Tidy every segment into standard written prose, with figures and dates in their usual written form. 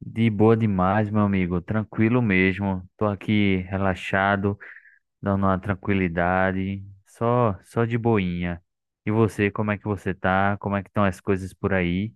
De boa demais, meu amigo. Tranquilo mesmo. Tô aqui relaxado, dando uma tranquilidade, só de boinha. E você, como é que você tá? Como é que estão as coisas por aí?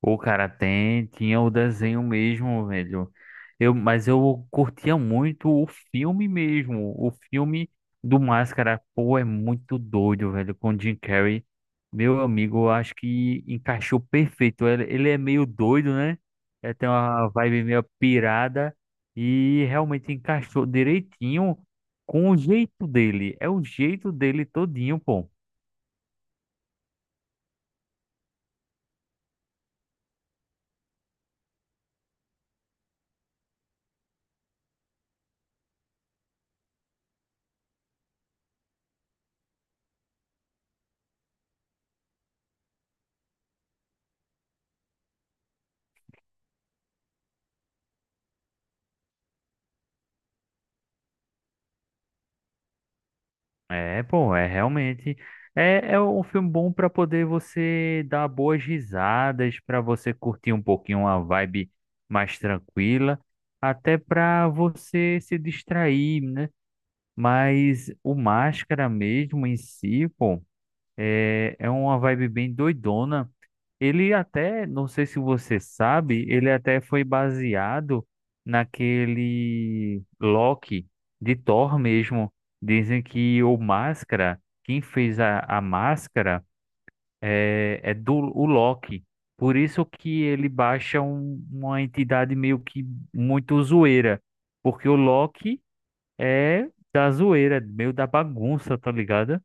O cara tem, tinha o desenho mesmo, velho. Eu, mas eu curtia muito o filme mesmo. O filme do Máscara, pô, é muito doido, velho. Com o Jim Carrey, meu amigo, eu acho que encaixou perfeito. Ele é meio doido, né? Ele tem uma vibe meio pirada e realmente encaixou direitinho com o jeito dele. É o jeito dele todinho, pô. É, pô, é realmente. É, um filme bom pra poder você dar boas risadas, pra você curtir um pouquinho uma vibe mais tranquila, até pra você se distrair, né? Mas o Máscara mesmo em si, pô, é uma vibe bem doidona. Ele até, não sei se você sabe, ele até foi baseado naquele Loki de Thor mesmo. Dizem que o Máscara, quem fez a máscara é, é do o Loki. Por isso que ele baixa uma entidade meio que muito zoeira. Porque o Loki é da zoeira, meio da bagunça, tá ligado?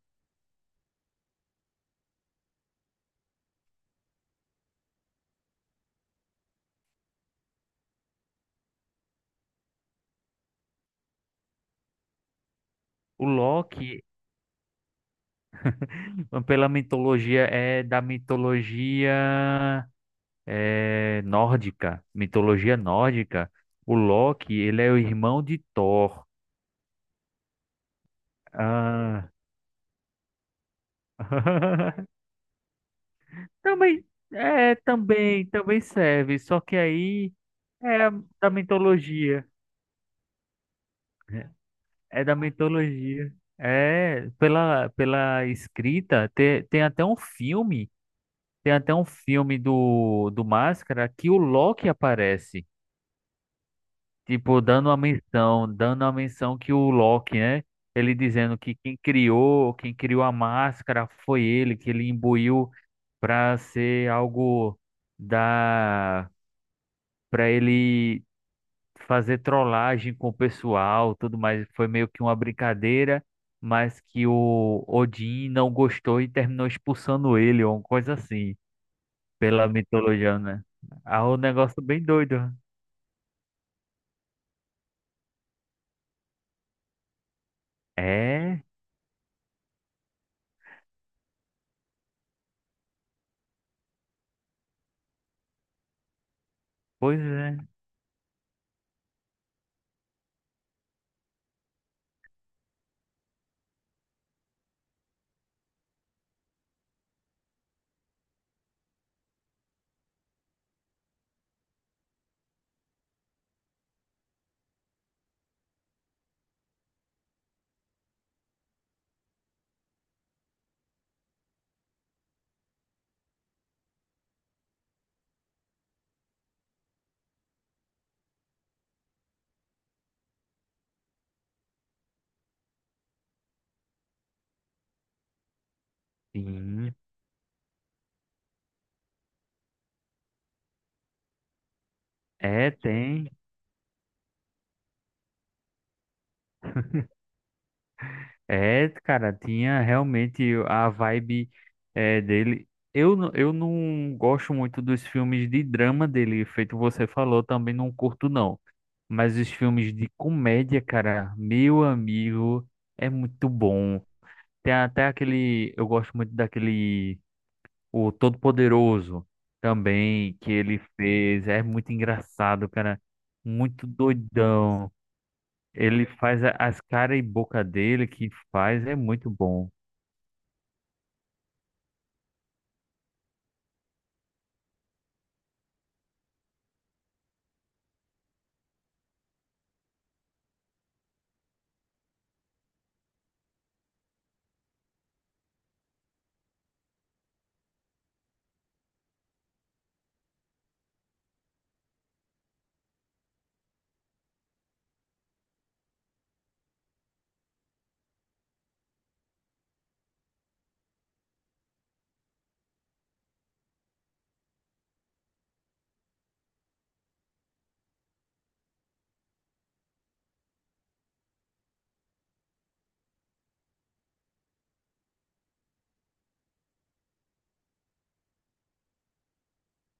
O Loki, pela mitologia, é da nórdica, mitologia nórdica, o Loki, ele é o irmão de Thor. Ah. Também, é, também, também serve, só que aí é da mitologia. É é da mitologia. É, pela escrita, tem, tem até um filme do, do Máscara que o Loki aparece. Tipo, dando uma menção que o Loki, né? Ele dizendo que quem criou a máscara foi ele, que ele imbuiu pra ser algo da, pra ele fazer trollagem com o pessoal, tudo mais. Foi meio que uma brincadeira, mas que o Odin não gostou e terminou expulsando ele, ou uma coisa assim, pela mitologia, né? Ah, um negócio bem doido. É, pois é. Sim. É, tem. É, cara, tinha realmente a vibe dele. Eu não gosto muito dos filmes de drama dele, feito você falou, também não curto não. Mas os filmes de comédia, cara, meu amigo, é muito bom. Tem até aquele, eu gosto muito daquele, o Todo-Poderoso também, que ele fez. É muito engraçado, cara, muito doidão. Ele faz as cara e boca dele que faz, é muito bom.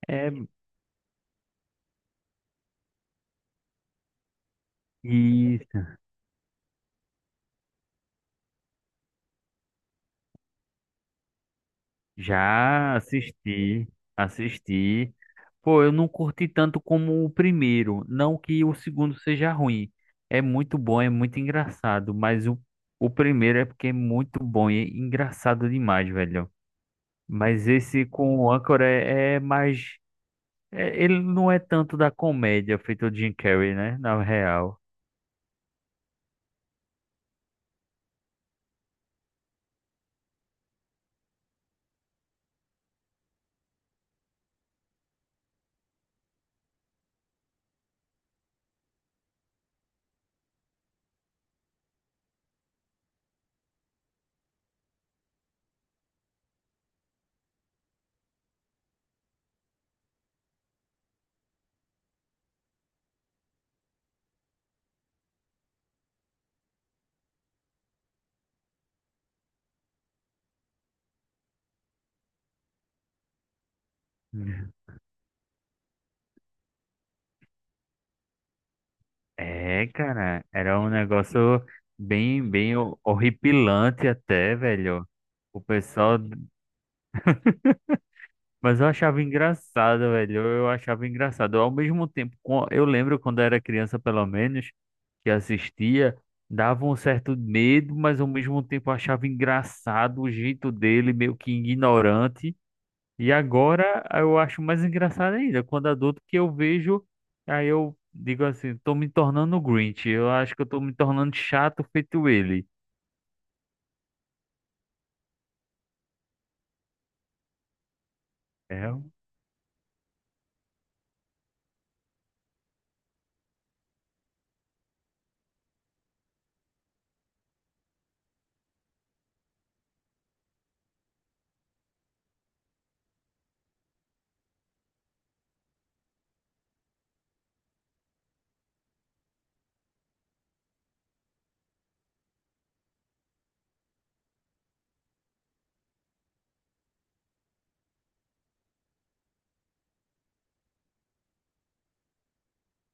É, e já assisti, assisti. Pô, eu não curti tanto como o primeiro. Não que o segundo seja ruim. É muito bom, é muito engraçado. Mas o primeiro é porque é muito bom e é engraçado demais, velho. Mas esse com o Anchor é mais. Ele não é tanto da comédia feito o Jim Carrey, né? Na real. É, cara, era um negócio bem, horripilante até, velho. O pessoal, mas eu achava engraçado, velho. Eu achava engraçado. Ao mesmo tempo, eu lembro quando era criança, pelo menos, que assistia, dava um certo medo, mas ao mesmo tempo eu achava engraçado o jeito dele, meio que ignorante. E agora eu acho mais engraçado ainda, quando adulto que eu vejo, aí eu digo assim, tô me tornando Grinch, eu acho que eu tô me tornando chato feito ele. É, um,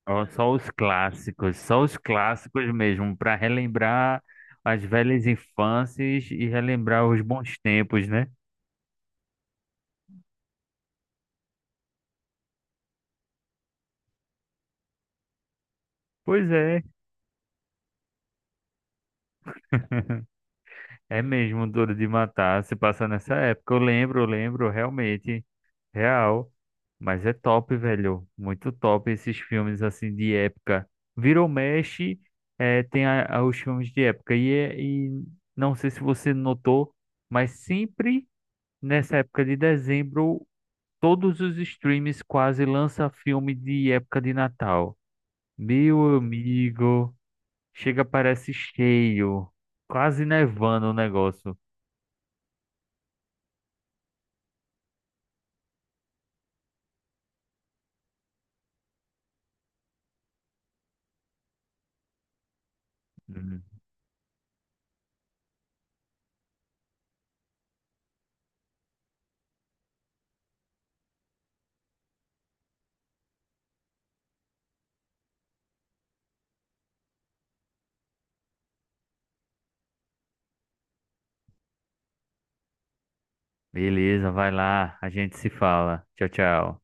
ó, só os clássicos mesmo, para relembrar as velhas infâncias e relembrar os bons tempos, né? Pois é. É mesmo Duro de Matar, se passa nessa época. Eu lembro, realmente, real. Mas é top, velho. Muito top esses filmes assim de época. Virou mexe, tem os filmes de época. E não sei se você notou, mas sempre nessa época de dezembro, todos os streams quase lançam filme de época de Natal. Meu amigo, chega parece cheio, quase nevando o negócio. Beleza, vai lá, a gente se fala. Tchau, tchau.